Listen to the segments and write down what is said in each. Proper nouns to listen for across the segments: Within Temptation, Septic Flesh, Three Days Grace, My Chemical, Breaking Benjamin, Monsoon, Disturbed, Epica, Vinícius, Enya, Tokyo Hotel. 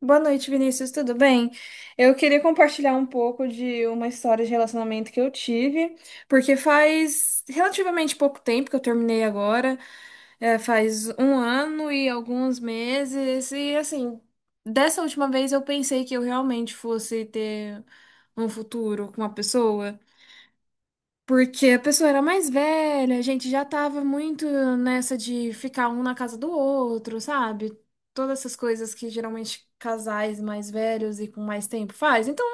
Boa noite, Vinícius, tudo bem? Eu queria compartilhar um pouco de uma história de relacionamento que eu tive, porque faz relativamente pouco tempo que eu terminei agora, é, faz um ano e alguns meses, e assim, dessa última vez eu pensei que eu realmente fosse ter um futuro com uma pessoa. Porque a pessoa era mais velha, a gente já tava muito nessa de ficar um na casa do outro, sabe? Todas essas coisas que geralmente casais mais velhos e com mais tempo faz. Então,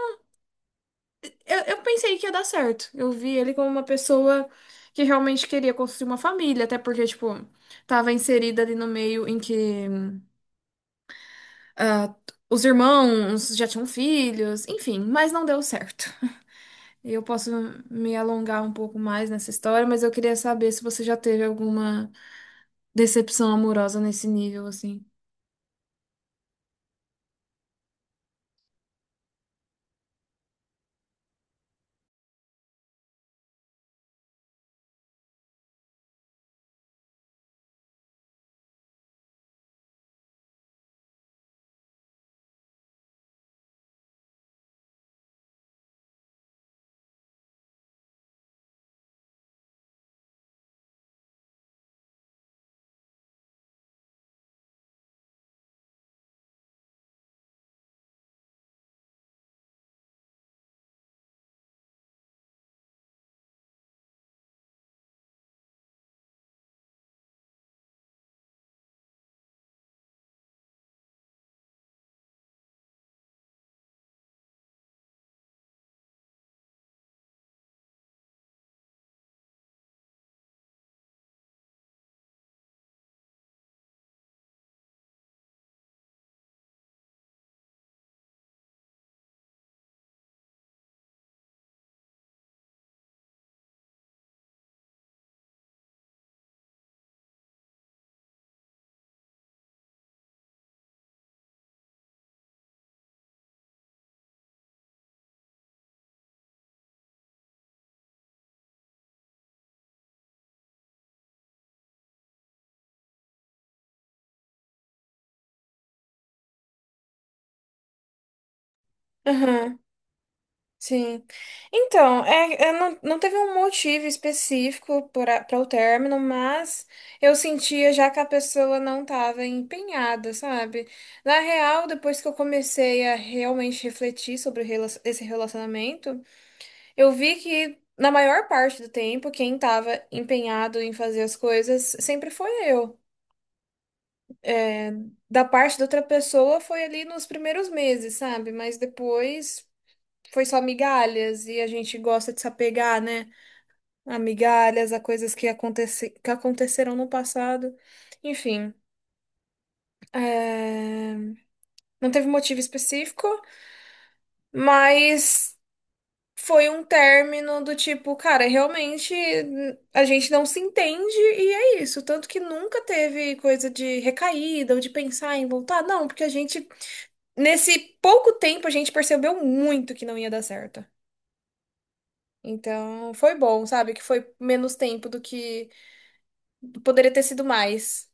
eu pensei que ia dar certo. Eu vi ele como uma pessoa que realmente queria construir uma família, até porque, tipo, tava inserida ali no meio em que ah, os irmãos já tinham filhos, enfim, mas não deu certo. Eu posso me alongar um pouco mais nessa história, mas eu queria saber se você já teve alguma decepção amorosa nesse nível, assim. Aham, sim. Então, não teve um motivo específico para o término, mas eu sentia já que a pessoa não estava empenhada, sabe? Na real, depois que eu comecei a realmente refletir sobre o esse relacionamento, eu vi que, na maior parte do tempo, quem estava empenhado em fazer as coisas sempre foi eu. Da parte da outra pessoa foi ali nos primeiros meses, sabe? Mas depois, foi só migalhas e a gente gosta de se apegar, né? A migalhas, a coisas que aconteceram no passado. Enfim, não teve motivo específico, mas foi um término do tipo, cara, realmente a gente não se entende e é isso. Tanto que nunca teve coisa de recaída ou de pensar em voltar, não, porque a gente, nesse pouco tempo, a gente percebeu muito que não ia dar certo. Então, foi bom, sabe? Que foi menos tempo do que poderia ter sido mais.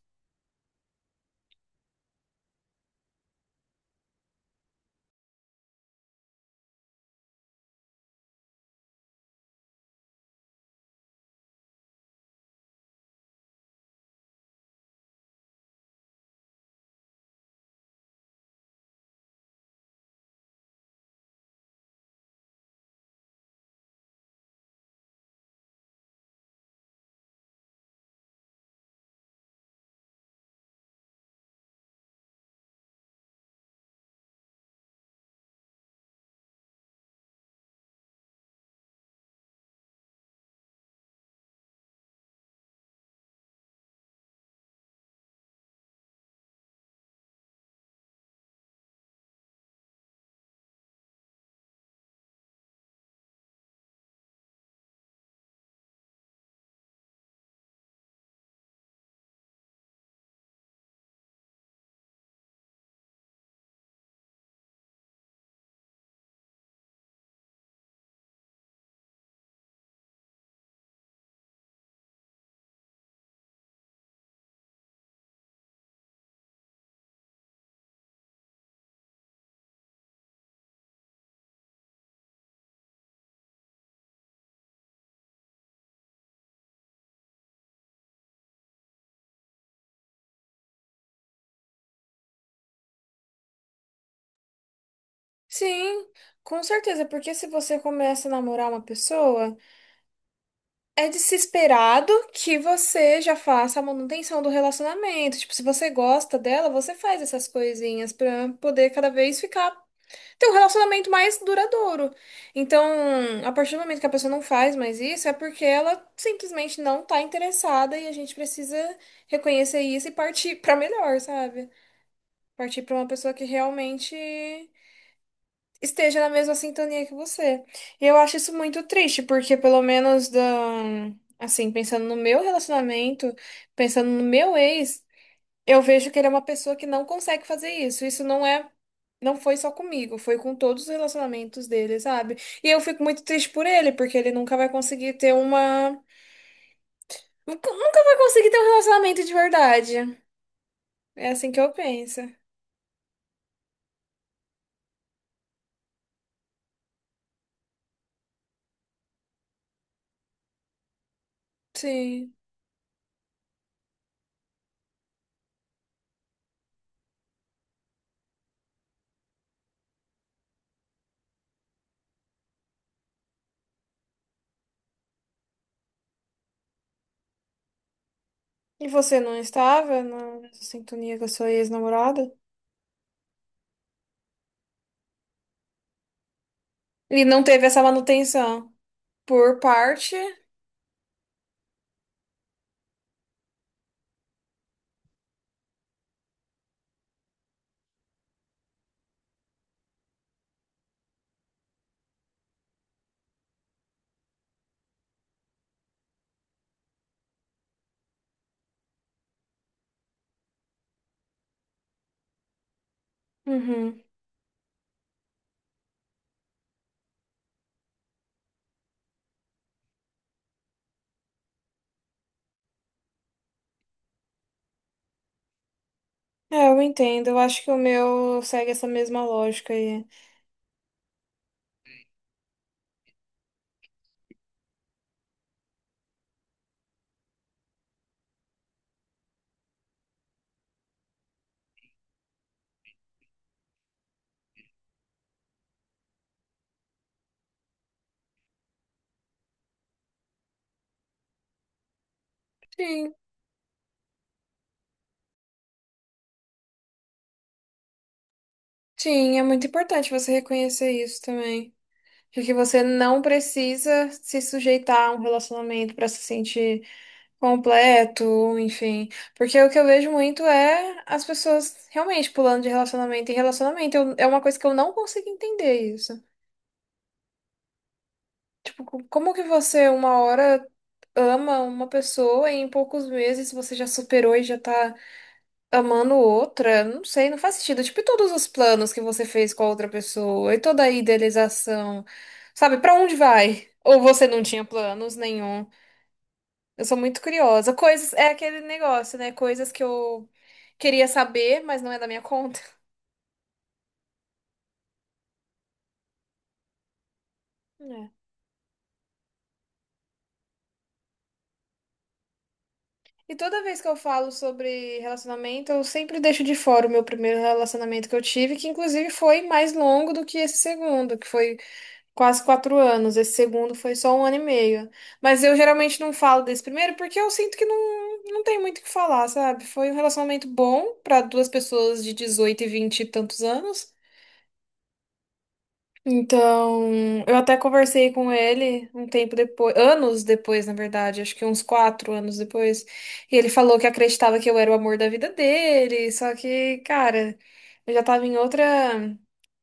Sim, com certeza, porque se você começa a namorar uma pessoa, é de se esperado que você já faça a manutenção do relacionamento. Tipo, se você gosta dela, você faz essas coisinhas pra poder cada vez ficar ter um relacionamento mais duradouro. Então, a partir do momento que a pessoa não faz mais isso, é porque ela simplesmente não tá interessada e a gente precisa reconhecer isso e partir pra melhor, sabe? Partir pra uma pessoa que realmente esteja na mesma sintonia que você. E eu acho isso muito triste, porque pelo menos assim, pensando no meu relacionamento, pensando no meu ex, eu vejo que ele é uma pessoa que não consegue fazer isso. Isso não é. Não foi só comigo, foi com todos os relacionamentos dele, sabe? E eu fico muito triste por ele, porque ele nunca vai conseguir ter uma. Nunca vai conseguir ter um relacionamento de verdade. É assim que eu penso. Sim. E você não estava na sintonia com a sua ex-namorada? Ele não teve essa manutenção por parte. Uhum. É, eu entendo. Eu acho que o meu segue essa mesma lógica aí. Sim, sim, é muito importante você reconhecer isso também. De que você não precisa se sujeitar a um relacionamento para se sentir completo, enfim. Porque o que eu vejo muito é as pessoas realmente pulando de relacionamento em relacionamento. Eu- é uma coisa que eu não consigo entender isso. Como que você, uma hora, ama uma pessoa e em poucos meses você já superou e já tá amando outra? Não sei, não faz sentido. Tipo, e todos os planos que você fez com a outra pessoa e toda a idealização, sabe? Pra onde vai? Ou você não tinha planos nenhum? Eu sou muito curiosa. Coisas, é aquele negócio, né? Coisas que eu queria saber, mas não é da minha conta. E toda vez que eu falo sobre relacionamento, eu sempre deixo de fora o meu primeiro relacionamento que eu tive, que inclusive foi mais longo do que esse segundo, que foi quase 4 anos. Esse segundo foi só um ano e meio. Mas eu geralmente não falo desse primeiro porque eu sinto que não tem muito o que falar, sabe? Foi um relacionamento bom para duas pessoas de 18 e 20 e tantos anos. Então, eu até conversei com ele um tempo depois, anos depois, na verdade, acho que uns 4 anos depois, e ele falou que acreditava que eu era o amor da vida dele, só que, cara, eu já tava em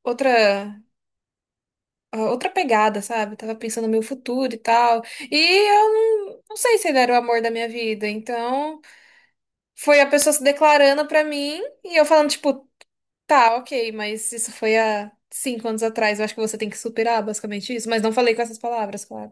outra, outra pegada, sabe? Tava pensando no meu futuro e tal, e eu não sei se ele era o amor da minha vida, então foi a pessoa se declarando pra mim e eu falando, tipo, tá, ok, mas isso foi há 5 anos atrás. Eu acho que você tem que superar basicamente isso. Mas não falei com essas palavras, claro.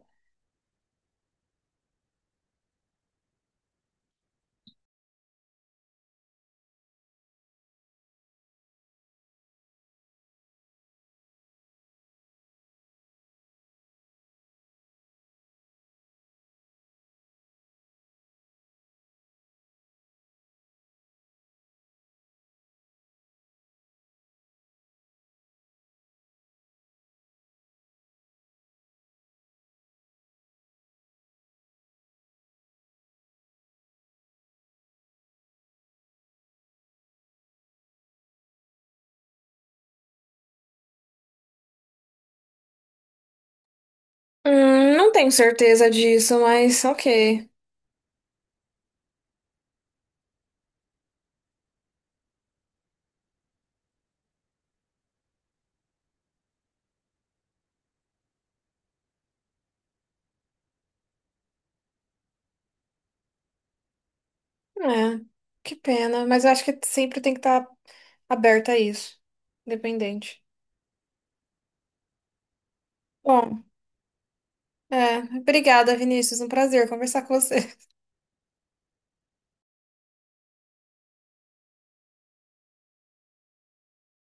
Não tenho certeza disso, mas ok. É, que pena. Mas eu acho que sempre tem que estar aberta a isso. Independente. Bom, obrigada, Vinícius. Um prazer conversar com você.